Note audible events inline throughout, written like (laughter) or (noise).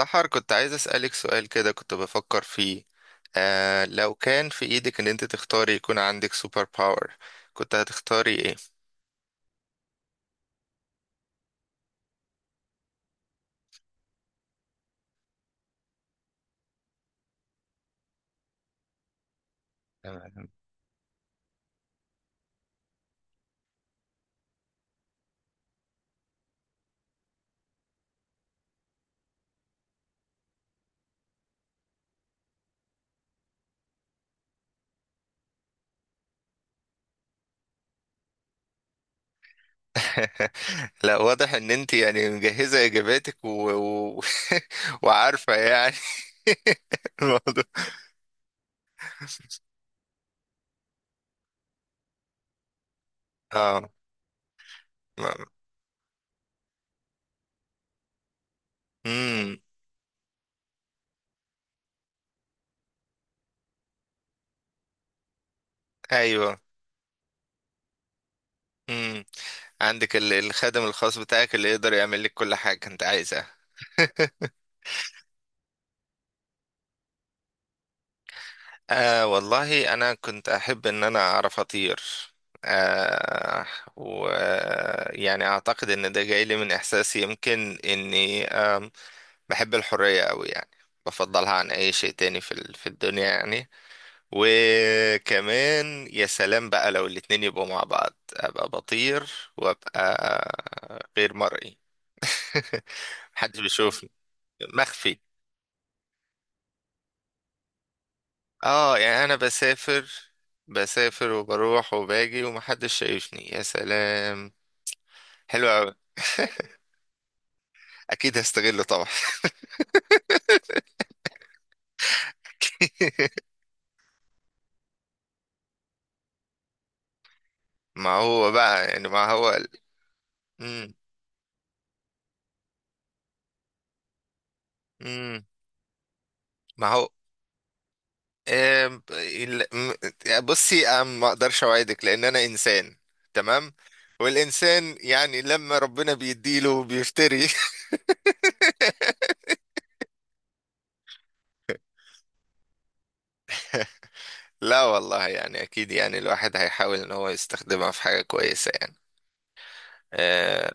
سحر، كنت عايز أسألك سؤال كده، كنت بفكر فيه. لو كان في إيدك إن أنت تختاري يكون عندك سوبر باور، كنت هتختاري إيه؟ تمام. (laughs) لا، واضح إن أنت يعني مجهزة إجاباتك و... (laughs) وعارفة يعني (laughs) الموضوع. آه. امم. أيوه. امم. عندك الخادم الخاص بتاعك اللي يقدر يعمل لك كل حاجة أنت عايزها. (laughs) والله أنا كنت أحب إن أنا أعرف أطير. آه ويعني أعتقد إن ده جاي لي من إحساسي، يمكن إني بحب الحرية أوي يعني، بفضلها عن أي شيء تاني في الدنيا يعني. وكمان يا سلام بقى لو الاتنين يبقوا مع بعض، أبقى بطير وأبقى غير مرئي. (laughs) محدش بيشوفني، مخفي. اه يعني انا بسافر، بسافر وبروح وباجي ومحدش شايفني، يا سلام. حلو قوي. (laughs) اكيد هستغله طبعا. (laughs) ما هو بقى يعني ما هو ال- مم. مم. ما هو آم، ال- م- يعني بصي، أنا ما اقدرش اوعدك لان انا انسان، تمام، والانسان يعني لما ربنا بيديله بيفتري. (laughs) لا والله يعني اكيد، يعني الواحد هيحاول ان هو يستخدمها في حاجة كويسة يعني. آه،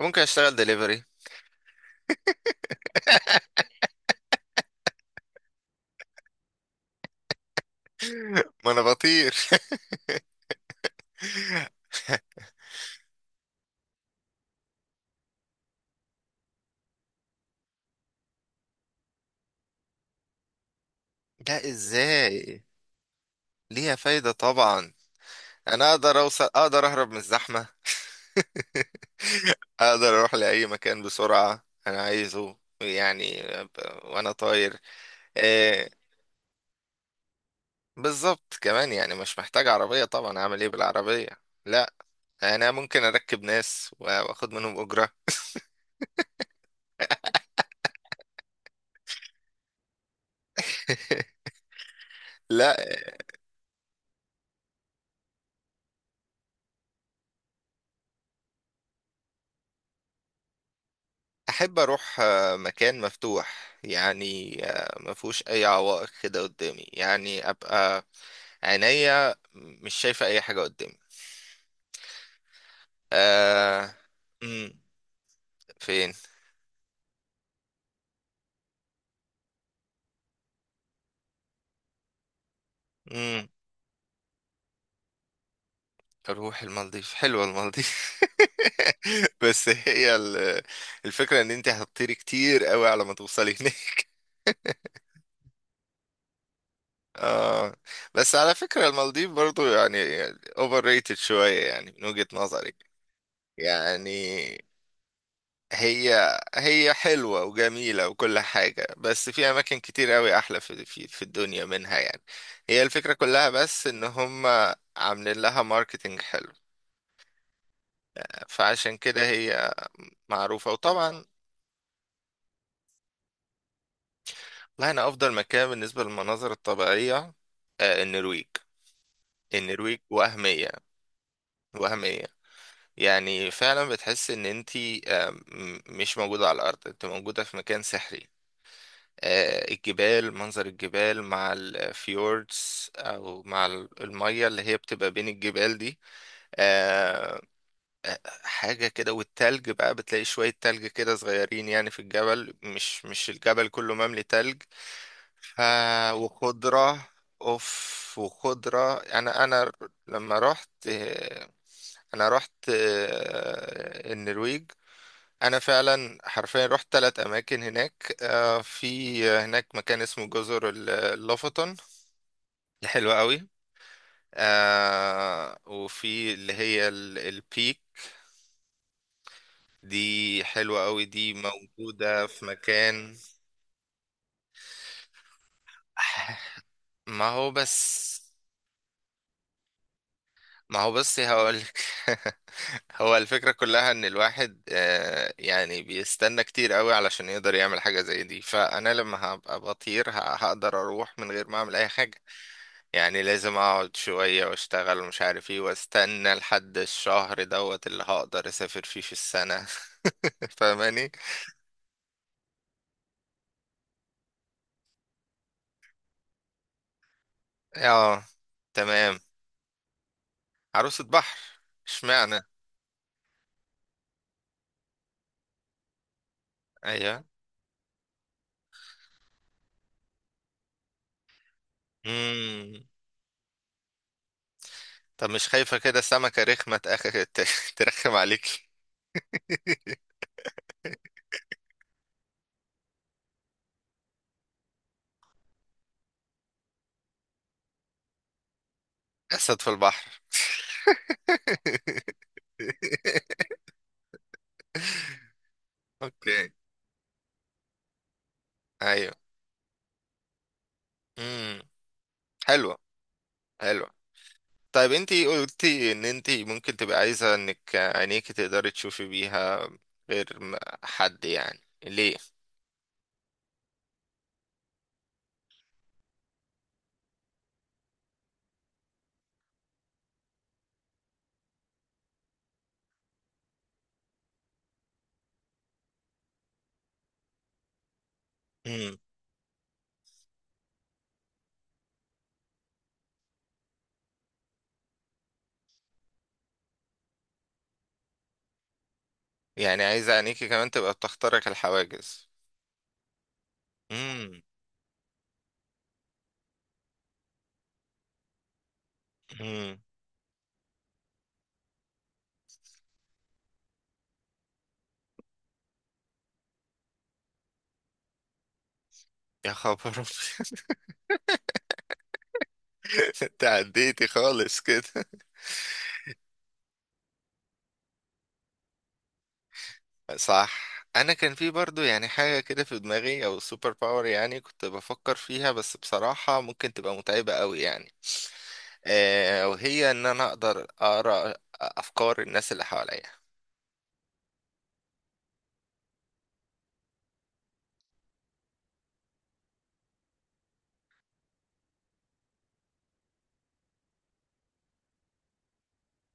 ممكن اشتغل دليفري، ما انا بطير. (laughs) لا، ازاي؟ ليها فايدة طبعا. انا اقدر اوصل، اقدر اهرب من الزحمة. (laughs) اقدر اروح لاي مكان بسرعة انا عايزه، يعني وانا طاير. آه، بالظبط، كمان يعني مش محتاج عربية طبعا، اعمل ايه بالعربية؟ لا، انا ممكن اركب ناس واخد منهم اجرة. لا، احب اروح مكان مفتوح، يعني ما فيهوش اي عوائق كده قدامي، يعني ابقى عينيا مش شايفة أي حاجة قدامي. آه... مم. فين؟ مم. أروح المالديف، حلوة المالديف. (laughs) بس هي الفكرة إن أنت هتطيري كتير قوي على ما توصلي هناك. (laughs) آه. بس على فكرة المالديف برضو يعني أوفر ريتد شوية يعني، من وجهة نظري يعني. هي هي حلوة وجميلة وكل حاجة، بس في أماكن كتير أوي أحلى في الدنيا منها يعني. هي الفكرة كلها بس إن هم عاملين لها ماركتينج حلو، فعشان كده هي معروفة وطبعا. لا، أنا أفضل مكان بالنسبة للمناظر الطبيعية النرويج. النرويج وهمية. وهمية. يعني فعلا بتحس إن أنتي مش موجودة على الأرض، أنت موجودة في مكان سحري. الجبال، منظر الجبال مع الفيوردز او مع المية اللي هي بتبقى بين الجبال دي. آه، حاجة كده، والتلج بقى بتلاقي شوية تلج كده صغيرين يعني في الجبل، مش الجبل كله مملي تلج. ف وخضرة. اوف، وخضرة. انا لما رحت انا رحت النرويج. انا فعلا حرفيا رحت 3 اماكن هناك. في هناك مكان اسمه جزر اللوفطن، حلوة قوي. وفي اللي هي البيك دي، حلوة قوي، دي موجودة في مكان. (laughs) ما هو بس ما هو بس هقولك. (laughs) هو الفكرة كلها ان الواحد يعني بيستنى كتير قوي علشان يقدر يعمل حاجة زي دي، فانا لما هبقى بطير هقدر اروح من غير ما اعمل اي حاجة. يعني لازم اقعد شوية واشتغل ومش عارف ايه، واستنى لحد الشهر دوت اللي هقدر اسافر فيه في السنة. (laughs) فاهماني؟ اه. تمام. عروسة بحر، اشمعنى؟ ايوه. امم. طب مش خايفة كده سمكة رخمة ترخم عليك؟ (laughs) اسد في البحر. (laughs) اوكي. ايوه. امم. حلوة حلوة. طيب، انتي قلتي ان انتي ممكن تبقى عايزة انك عينيكي تقدري تشوفي بيها غير حد، يعني ليه؟ مم. يعني عايزة عينيكي كمان تبقى بتخترق الحواجز؟ مم. مم. يا خبر أبيض. (laughs) انت عديتي خالص كده. صح، انا كان في برضو يعني حاجة كده في دماغي او سوبر باور يعني كنت بفكر فيها، بس بصراحة ممكن تبقى متعبة قوي يعني. وهي ان انا اقدر اقرا افكار الناس اللي حواليا.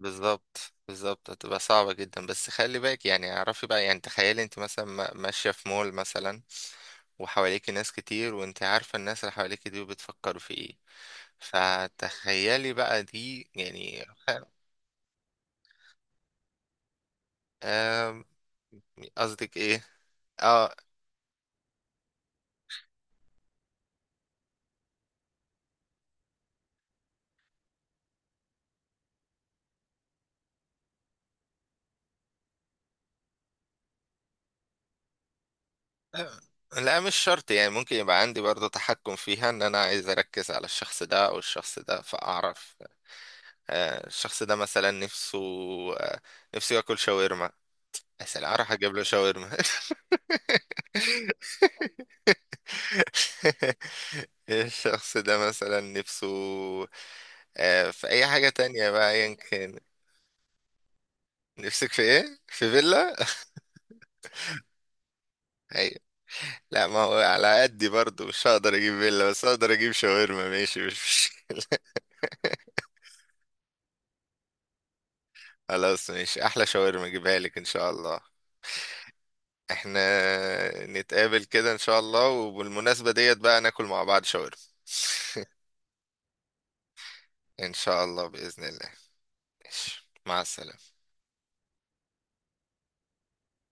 بالظبط بالظبط، هتبقى صعبة جدا. بس خلي بالك يعني، اعرفي بقى يعني، تخيلي انت مثلا ماشية في مول مثلا، وحواليكي ناس كتير وانت عارفة الناس اللي حواليكي دي بتفكروا في ايه، فتخيلي بقى دي يعني. آم، قصدك ايه؟ اه. (clears throat) لا، مش شرط، يعني ممكن يبقى عندي برضه تحكم فيها ان انا عايز اركز على الشخص ده او الشخص ده فاعرف الشخص ده مثلا نفسه آه، نفسه ياكل شاورما، مثلا اروح اجيب له شاورما. (laughs) (laughs) الشخص ده مثلا نفسه في اي حاجة تانية بقى، ايا كان. نفسك في ايه؟ في فيلا؟ (laughs) ايوه. لا، ما هو على قدي برضو مش هقدر اجيب فيلا، بس هقدر اجيب شاورما. (laughs) ماشي، خلاص، ماشي، احلى شاورما اجيبها لك ان شاء الله. احنا نتقابل كده ان شاء الله، وبالمناسبة ديت بقى ناكل مع بعض شاورما. (laughs) ان شاء الله بإذن الله. ماشي، مع السلامة.